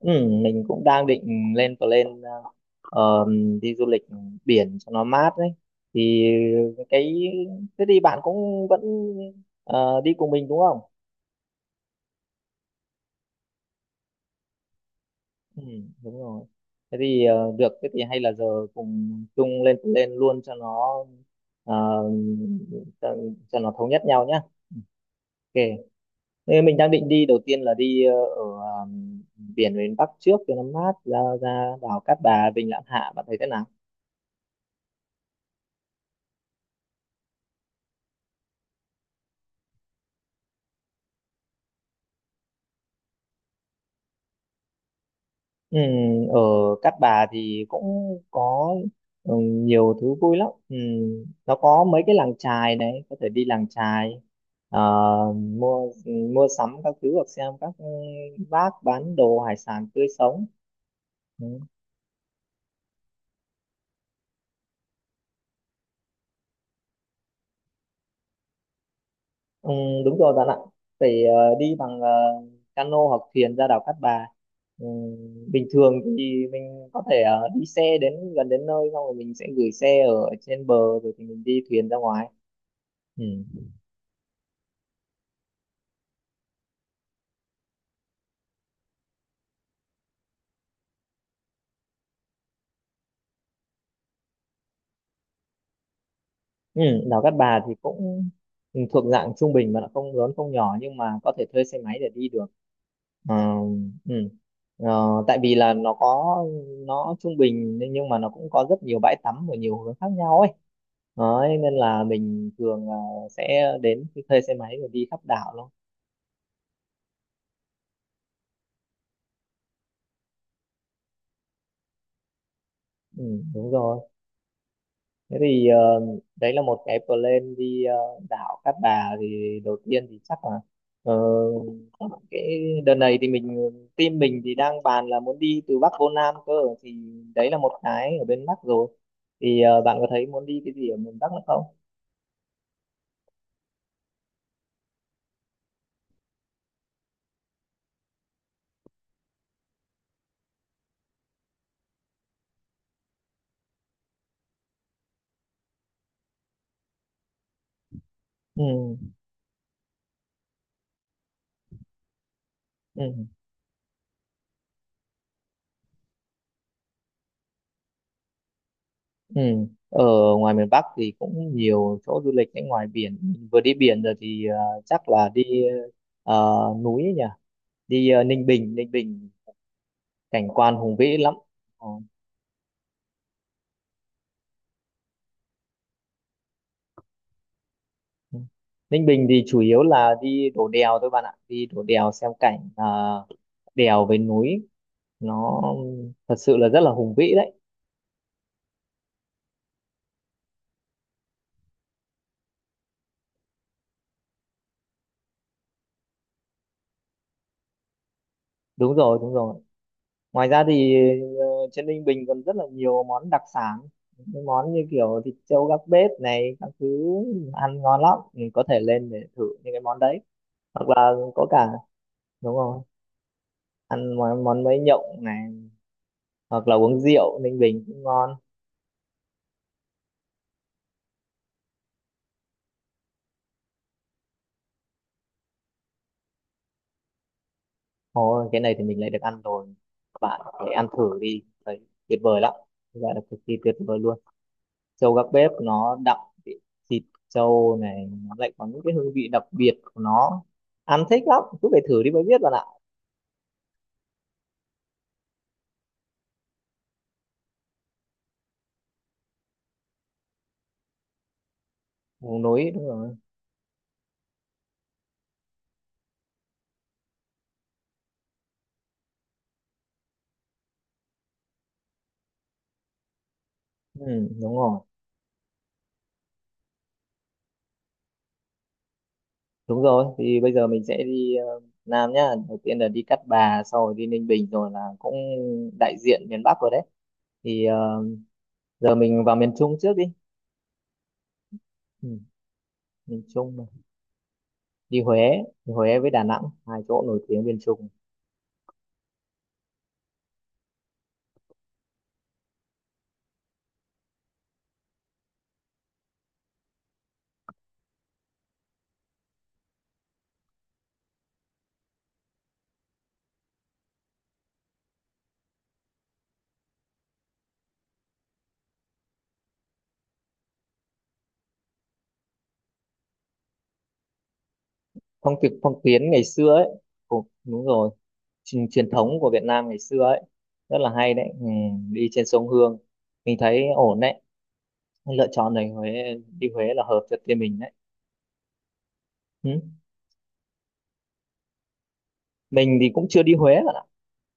Ừ, mình cũng đang định lên plan ờ, đi du lịch biển cho nó mát đấy thì cái thế thì bạn cũng vẫn đi cùng mình đúng không? Ừ, đúng rồi. Thế thì được, thế thì hay là giờ cùng chung lên plan luôn cho nó ờ, cho, cho nó thống nhất nhau nhá. Ok. Thế mình đang định đi, đầu tiên là đi biển miền Bắc trước cho nó mát, ra ra đảo Cát Bà, Vịnh Lãn Hạ, bạn thấy thế nào? Ừ, ở Cát Bà thì cũng có nhiều thứ vui lắm. Ừ, nó có mấy cái làng chài này, có thể đi làng chài, ờ, mua mua sắm các thứ, hoặc xem các bác bán đồ hải sản tươi sống. Ừ, ừ, đúng rồi bạn ạ. Phải đi bằng cano hoặc thuyền ra đảo Cát Bà. Ừ, bình thường thì mình có thể đi xe đến gần đến nơi, xong rồi mình sẽ gửi xe ở trên bờ, rồi thì mình đi thuyền ra ngoài. Ừ. Ừ, đèo Cát Bà thì cũng thuộc dạng trung bình, mà nó không lớn không nhỏ, nhưng mà có thể thuê xe máy để đi được. Ờ, ừ. Ờ, tại vì là nó trung bình, nhưng mà nó cũng có rất nhiều bãi tắm ở nhiều hướng khác nhau ấy. Đấy, nên là mình thường là sẽ đến thuê xe máy rồi đi khắp đảo luôn. Ừ, đúng rồi. Thế thì đấy là một cái plan đi đảo Cát Bà. Thì đầu tiên thì chắc là ờ, cái đợt này thì team mình thì đang bàn là muốn đi từ Bắc vô Nam cơ, thì đấy là một cái ở bên Bắc rồi. Thì bạn có thấy muốn đi cái gì ở miền Bắc nữa không? Ừ, ừ, ừ. Ở ngoài miền Bắc thì cũng nhiều chỗ du lịch đấy. Ngoài biển mình vừa đi biển rồi thì chắc là đi núi ấy nhỉ, đi Ninh Bình. Ninh Bình cảnh quan hùng vĩ lắm. Ờ. Ừ. Ninh Bình thì chủ yếu là đi đổ đèo thôi bạn ạ, đi đổ đèo xem cảnh à, đèo với núi nó thật sự là rất là hùng vĩ đấy. Đúng rồi, đúng rồi. Ngoài ra thì ờ, trên Ninh Bình còn rất là nhiều món đặc sản, những món như kiểu thịt trâu gác bếp này các thứ, ăn ngon lắm, mình có thể lên để thử những cái món đấy. Hoặc là có cả, đúng rồi, ăn món mấy nhộng này, hoặc là uống rượu Ninh Bình cũng ngon. Ồ, cái này thì mình lại được ăn rồi. Các bạn hãy ăn thử đi. Đấy, tuyệt vời lắm. Gọi là cực kỳ tuyệt vời luôn. Trâu gác bếp nó đậm vị thịt trâu này. Nó lại có những cái hương vị đặc biệt của nó. Ăn thích lắm. Cứ phải thử đi mới biết bạn ạ. Vùng núi, đúng rồi. Ừ, đúng rồi. Đúng rồi. Thì bây giờ mình sẽ đi Nam nhá. Đầu tiên là đi Cát Bà, sau rồi đi Ninh Bình, rồi là cũng đại diện miền Bắc rồi đấy. Thì giờ mình vào miền Trung trước đi. Ừ, miền Trung, đi Huế đi Huế với Đà Nẵng, hai chỗ nổi tiếng bên Trung. Phong tục phong kiến ngày xưa ấy, cũng đúng rồi, truyền thống của Việt Nam ngày xưa ấy, rất là hay đấy. Ừ, Đi trên sông Hương, mình thấy ổn đấy, lựa chọn này Huế. Đi Huế là hợp cho team mình đấy. Ừ. Mình thì cũng chưa đi Huế bạn ạ,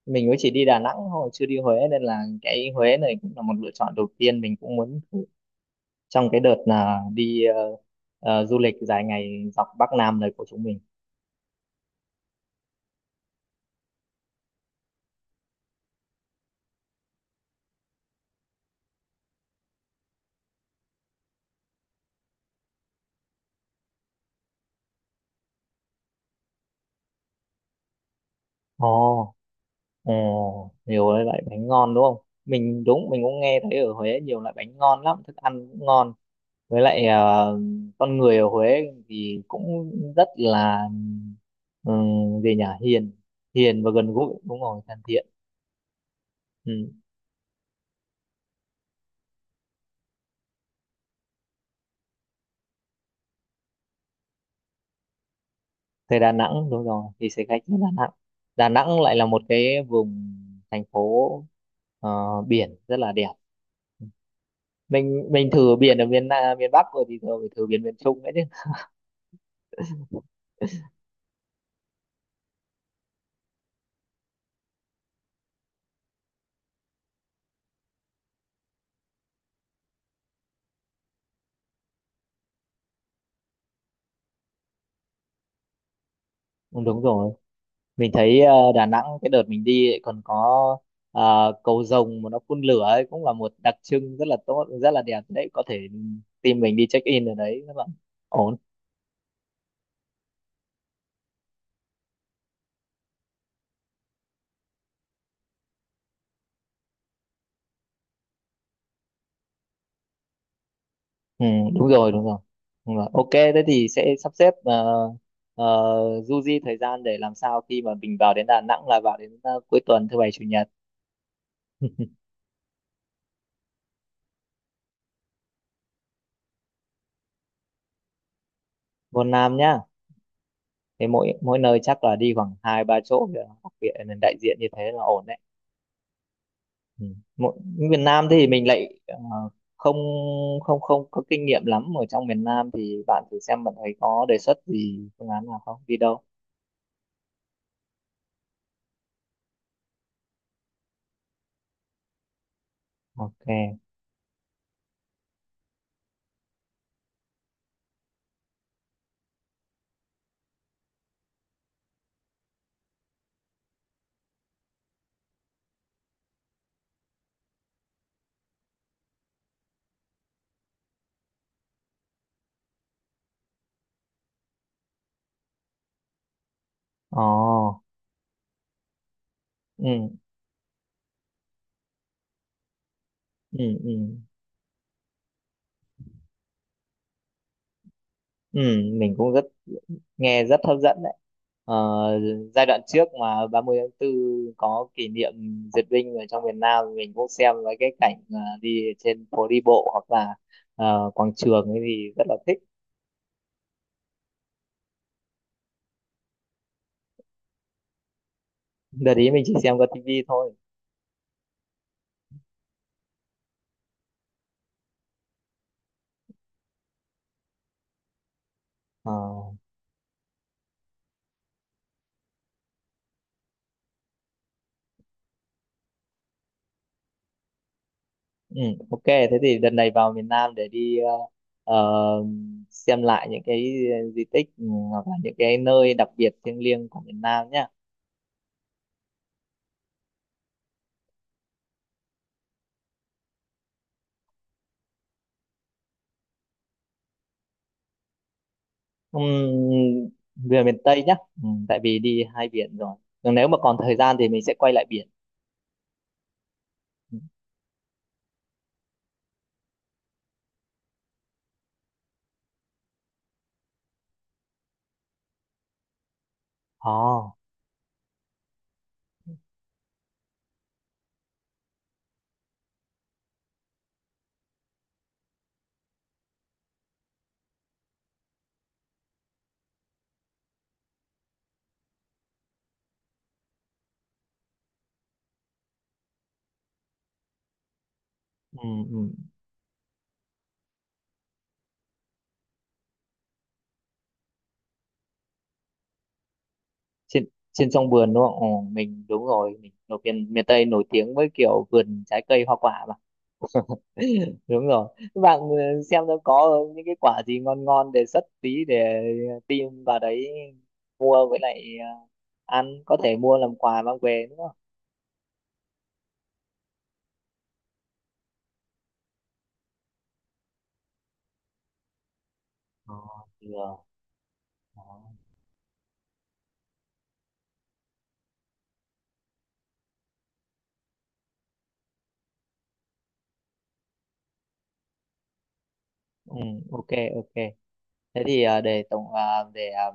mình mới chỉ đi Đà Nẵng thôi, chưa đi Huế, nên là cái Huế này cũng là một lựa chọn đầu tiên mình cũng muốn thử trong cái đợt là đi du lịch dài ngày dọc Bắc Nam này của chúng mình. Ồ, Ờ, nhiều cái loại bánh ngon đúng không? Mình cũng nghe thấy ở Huế nhiều loại bánh ngon lắm, thức ăn cũng ngon. Với lại con người ở Huế thì cũng rất là, gì nhỉ? Hiền, hiền và gần gũi, đúng rồi, thân thiện. Ừ. Thế Đà Nẵng đúng rồi, thì sẽ khách đến Đà Nẵng. Đà Nẵng lại là một cái vùng thành phố ờ, biển rất là đẹp. Mình thử biển ở miền Bắc rồi thì giờ phải thử biển miền Trung nữa chứ. Ừ, đúng rồi. Mình thấy Đà Nẵng cái đợt mình đi ấy còn có cầu rồng mà nó phun lửa ấy, cũng là một đặc trưng rất là tốt, rất là đẹp đấy, có thể team mình đi check in ở đấy rất là ổn. ừ, Đúng rồi, đúng rồi, đúng rồi. Ok, thế thì sẽ sắp xếp du di thời gian để làm sao khi mà mình vào đến Đà Nẵng là vào đến cuối tuần, thứ bảy chủ nhật. Vân Nam nhá. Thế mỗi mỗi nơi chắc là đi khoảng hai ba chỗ để đặc biệt là đại diện, như thế là ổn đấy. Ừ. Mỗi Việt Nam thì mình lại không không không có kinh nghiệm lắm ở trong miền Nam, thì bạn thử xem, bạn thấy có đề xuất gì, phương án nào không, đi đâu. Ok. Ồ. Ừ, ừ, ừ, ừ, mình cũng nghe rất hấp dẫn đấy. Ờ, giai đoạn trước mà ba mươi tháng 4 có kỷ niệm duyệt binh ở trong miền Nam, mình cũng xem mấy cái cảnh đi trên phố đi bộ hoặc là quảng trường ấy thì rất là thích. Đợt ý mình chỉ xem qua tivi thôi. Ờ Ừ, ok, thế thì đợt này vào miền Nam để đi ờ, xem lại những cái di tích, hoặc là những cái nơi đặc biệt thiêng liêng của miền Nam nhá. Ừm, Về miền Tây nhá, tại vì đi hai biển rồi. Còn nếu mà còn thời gian thì mình sẽ quay lại biển. Ừ. Oh. Trên trên sông vườn đúng không? Ồ, đúng rồi, mình ở miền miền Tây nổi tiếng với kiểu vườn trái cây hoa quả mà. Đúng rồi, các bạn xem nó có những cái quả gì ngon ngon, đề xuất tí để tìm vào đấy mua, với lại ăn, có thể mua làm quà mang về nữa. Ờ, được. Ờ. Ừ, ok, ok, thế thì để tổng ờ, để ờ,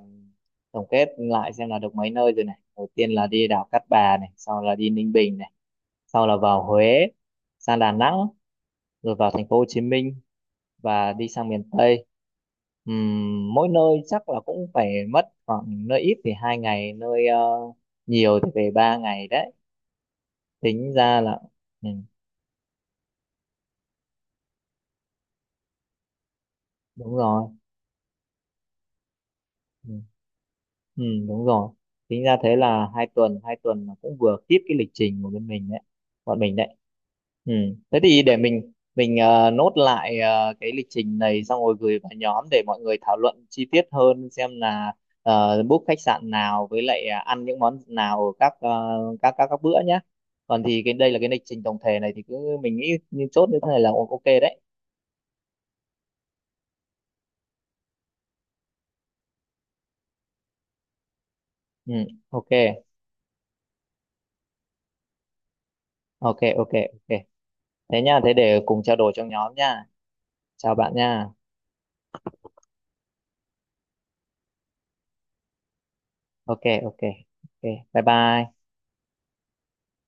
tổng kết lại xem là được mấy nơi rồi này. Đầu tiên là đi đảo Cát Bà này, sau là đi Ninh Bình này, sau là vào Huế, sang Đà Nẵng, rồi vào thành phố Hồ Chí Minh và đi sang miền Tây. Mỗi nơi chắc là cũng phải mất khoảng, nơi ít thì hai ngày, nơi nhiều thì về ba ngày đấy, tính ra là, ừ, đúng rồi. Ừ. Ừ, đúng rồi. Tính ra thế là hai tuần là cũng vừa kịp cái lịch trình của bên mình đấy, bọn mình đấy. Ừ. Thế thì để mình nốt lại cái lịch trình này, xong rồi gửi vào nhóm để mọi người thảo luận chi tiết hơn, xem là book khách sạn nào, với lại à, ăn những món nào ở các ờ, các bữa nhé. Còn thì cái đây là cái lịch trình tổng thể này thì cứ, mình nghĩ như chốt như thế này là ok đấy. Ừ, ok, ok, ok, ok. Thế nha, thế để cùng trao đổi trong nhóm nha. Chào bạn nha. Ok, ok, ok. Bye, bye.